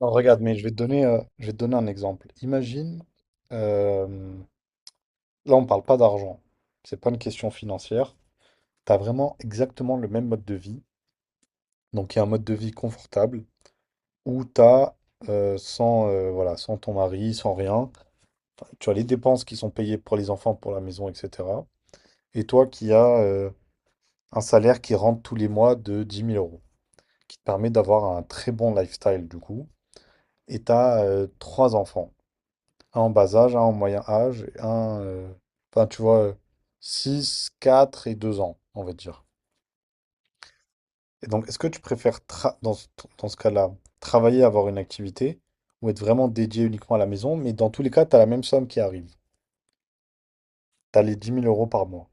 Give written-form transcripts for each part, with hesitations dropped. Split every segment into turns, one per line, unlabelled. Non, regarde, mais je vais te donner, je vais te donner un exemple. Imagine, euh, là on parle pas d'argent, c'est pas une question financière. Tu as vraiment exactement le même mode de vie. Donc il y a un mode de vie confortable où tu as sans, voilà, sans ton mari, sans rien. Enfin, tu as les dépenses qui sont payées pour les enfants, pour la maison, etc. Et toi qui as un salaire qui rentre tous les mois de 10 000 euros, qui te permet d'avoir un très bon lifestyle du coup. Et tu as trois enfants. Un en bas âge, un en moyen âge, et un... Enfin, tu vois, 6, 4 et 2 ans, on va dire. Et donc, est-ce que tu préfères, dans ce cas-là, travailler, avoir une activité, ou être vraiment dédié uniquement à la maison, mais dans tous les cas, tu as la même somme qui arrive. Tu as les 10 000 euros par mois.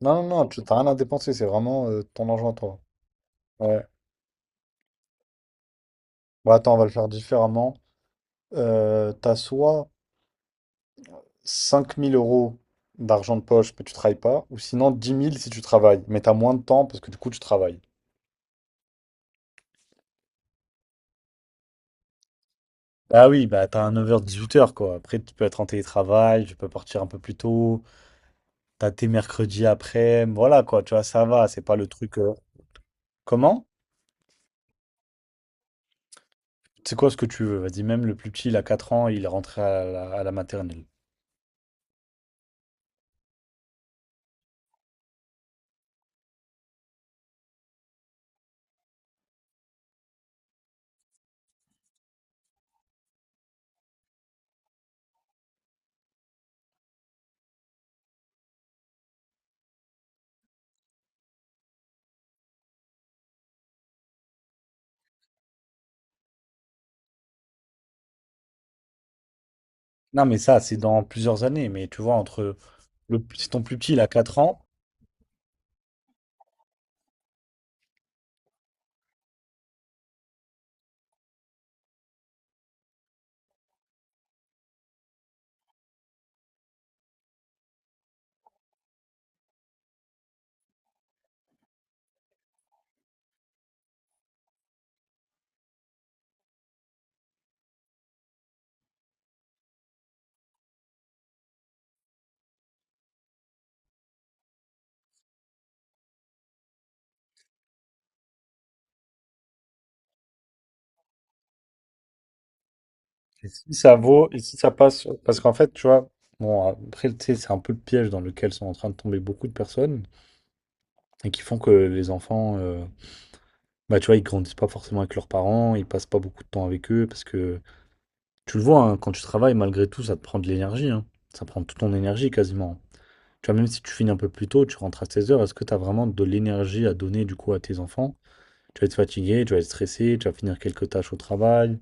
Non, non, non, tu n'as rien à dépenser, c'est vraiment ton argent à toi. Ouais. Bon, attends, on va le faire différemment. Tu soit 5 000 euros d'argent de poche, mais tu travailles pas, ou sinon 10 000 si tu travailles, mais t'as moins de temps parce que du coup, tu travailles. Ah oui, bah t'as un 9h-18h quoi. Après, tu peux être en télétravail, tu peux partir un peu plus tôt, t'as tes mercredis après, voilà quoi, tu vois, ça va, c'est pas le truc. Comment? C'est quoi ce que tu veux? Vas-y, même le plus petit, il a 4 ans, il est rentré à la maternelle. Non, mais ça, c'est dans plusieurs années, mais tu vois, entre le, si ton plus petit, il a 4 ans, et si ça vaut, et si ça passe, parce qu'en fait, tu vois, bon, après, tu sais, c'est un peu le piège dans lequel sont en train de tomber beaucoup de personnes et qui font que les enfants. Bah, tu vois, ils grandissent pas forcément avec leurs parents, ils passent pas beaucoup de temps avec eux parce que tu le vois, hein, quand tu travailles, malgré tout, ça te prend de l'énergie, hein. Ça prend toute ton énergie quasiment. Tu vois, même si tu finis un peu plus tôt, tu rentres à 16 heures, est-ce que tu as vraiment de l'énergie à donner du coup à tes enfants? Tu vas être fatigué, tu vas être stressé, tu vas finir quelques tâches au travail,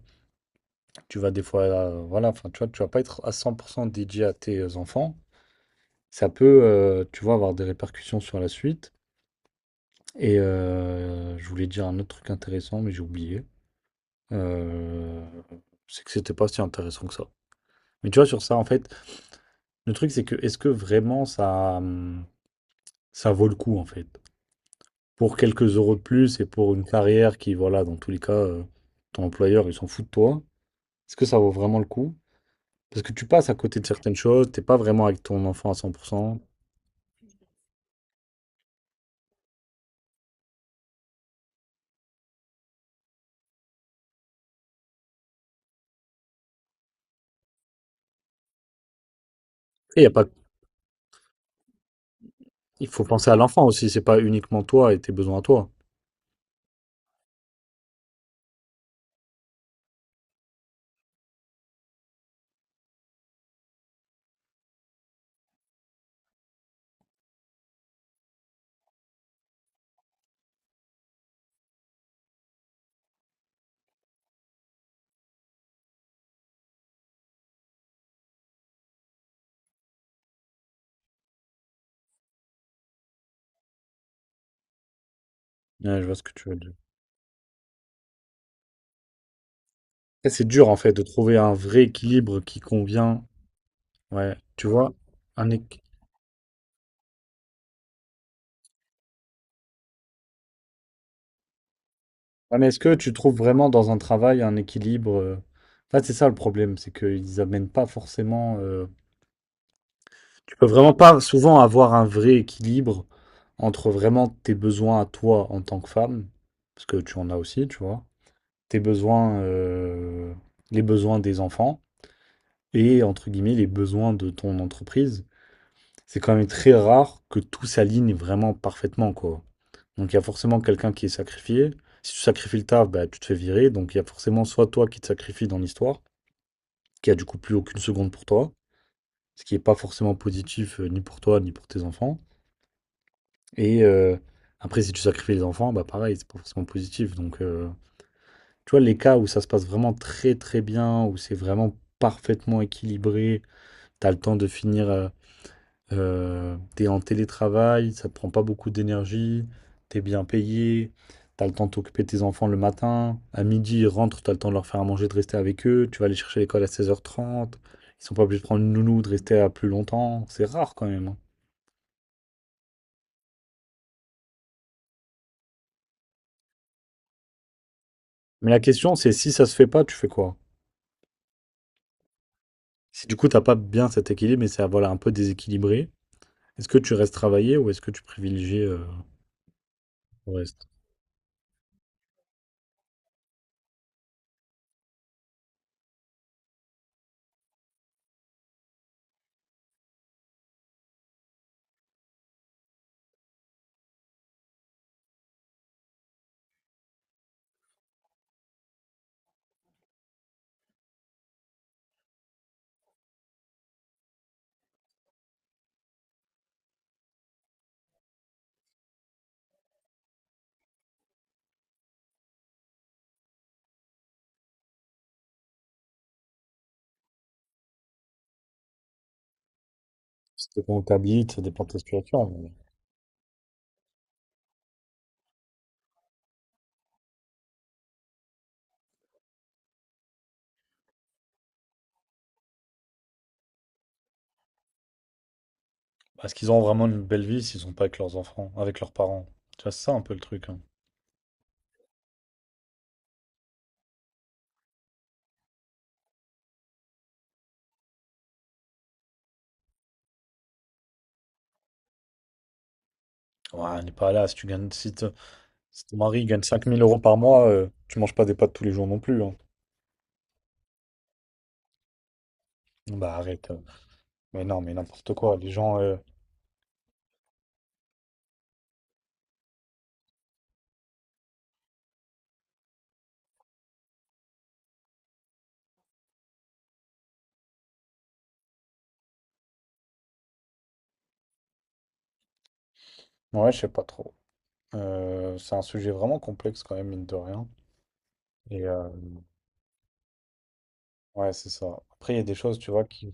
tu vas des fois, voilà, enfin, tu vois, tu vas pas être à 100% dédié à tes enfants. Ça peut, tu vois, avoir des répercussions sur la suite. Et je voulais dire un autre truc intéressant, mais j'ai oublié. Heu, c'est que c'était pas si intéressant que ça. Mais tu vois, sur ça, en fait, le truc, c'est que est-ce que vraiment ça, ça vaut le coup, en fait? Pour quelques euros de plus et pour une carrière qui, voilà, dans tous les cas, ton employeur, il s'en fout de toi. Est-ce que ça vaut vraiment le coup? Parce que tu passes à côté de certaines choses, t'es pas vraiment avec ton enfant à 100%. Et il y a pas. Il faut penser à l'enfant aussi, c'est pas uniquement toi et tes besoins à toi. Ouais, je vois ce que tu veux dire. Et c'est dur en fait de trouver un vrai équilibre qui convient. Ouais, tu vois, un équ- ouais, mais est-ce que tu trouves vraiment dans un travail un équilibre? En fait, c'est ça le problème, c'est qu'ils amènent pas forcément. Tu peux vraiment pas souvent avoir un vrai équilibre entre vraiment tes besoins à toi en tant que femme, parce que tu en as aussi, tu vois, tes besoins, les besoins des enfants et entre guillemets les besoins de ton entreprise. C'est quand même très rare que tout s'aligne vraiment parfaitement, quoi. Donc il y a forcément quelqu'un qui est sacrifié. Si tu sacrifies le taf, bah, tu te fais virer. Donc il y a forcément soit toi qui te sacrifies dans l'histoire, qui a du coup plus aucune seconde pour toi, ce qui n'est pas forcément positif ni pour toi ni pour tes enfants. Et après, si tu sacrifies les enfants, bah pareil, c'est pas forcément positif. Donc, tu vois, les cas où ça se passe vraiment très très bien, où c'est vraiment parfaitement équilibré, t'as le temps de finir, t'es en télétravail, ça te prend pas beaucoup d'énergie, t'es bien payé, t'as le temps de t'occuper de tes enfants le matin, à midi ils rentrent, t'as le temps de leur faire à manger, de rester avec eux, tu vas les chercher à l'école à 16h30, ils sont pas obligés de prendre une nounou, de rester à plus longtemps, c'est rare quand même, hein. Mais la question, c'est si ça se fait pas, tu fais quoi? Si du coup, t'as pas bien cet équilibre et c'est, voilà, un peu déséquilibré, est-ce que tu restes travailler ou est-ce que tu privilégies, le reste? Ça dépend où tu habites, ça dépend de ta situation, mais est-ce qu'ils ont vraiment une belle vie s'ils sont pas avec leurs enfants, avec leurs parents? Tu vois, c'est ça un peu le truc, hein. Ouais, on n'est pas là, si tu gagnes, si te si ton mari gagne 5 000 euros par mois, tu manges pas des pâtes tous les jours non plus, hein. Bah arrête. Mais non, mais n'importe quoi. Les gens. Ouais, je sais pas trop. C'est un sujet vraiment complexe quand même, mine de rien. Et ouais, c'est ça. Après, il y a des choses, tu vois, qui...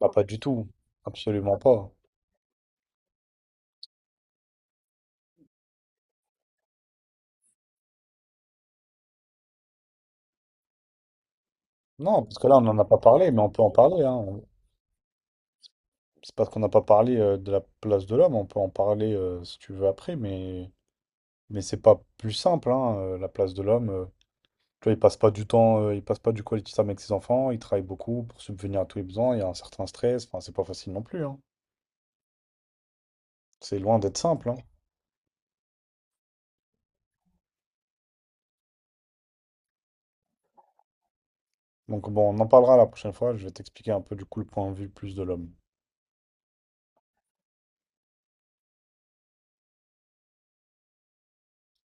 Bah, pas du tout. Absolument pas. Non, parce que là, on n'en a pas parlé, mais on peut en parler, hein. C'est parce qu'on n'a pas parlé de la place de l'homme, on peut en parler si tu veux après, mais c'est pas plus simple, hein, la place de l'homme. Tu vois, il passe pas du temps, il passe pas du quality time avec ses enfants, il travaille beaucoup pour subvenir à tous les besoins, il y a un certain stress, enfin c'est pas facile non plus, hein. C'est loin d'être simple, hein. Donc bon, on en parlera la prochaine fois, je vais t'expliquer un peu du coup le point de vue plus de l'homme.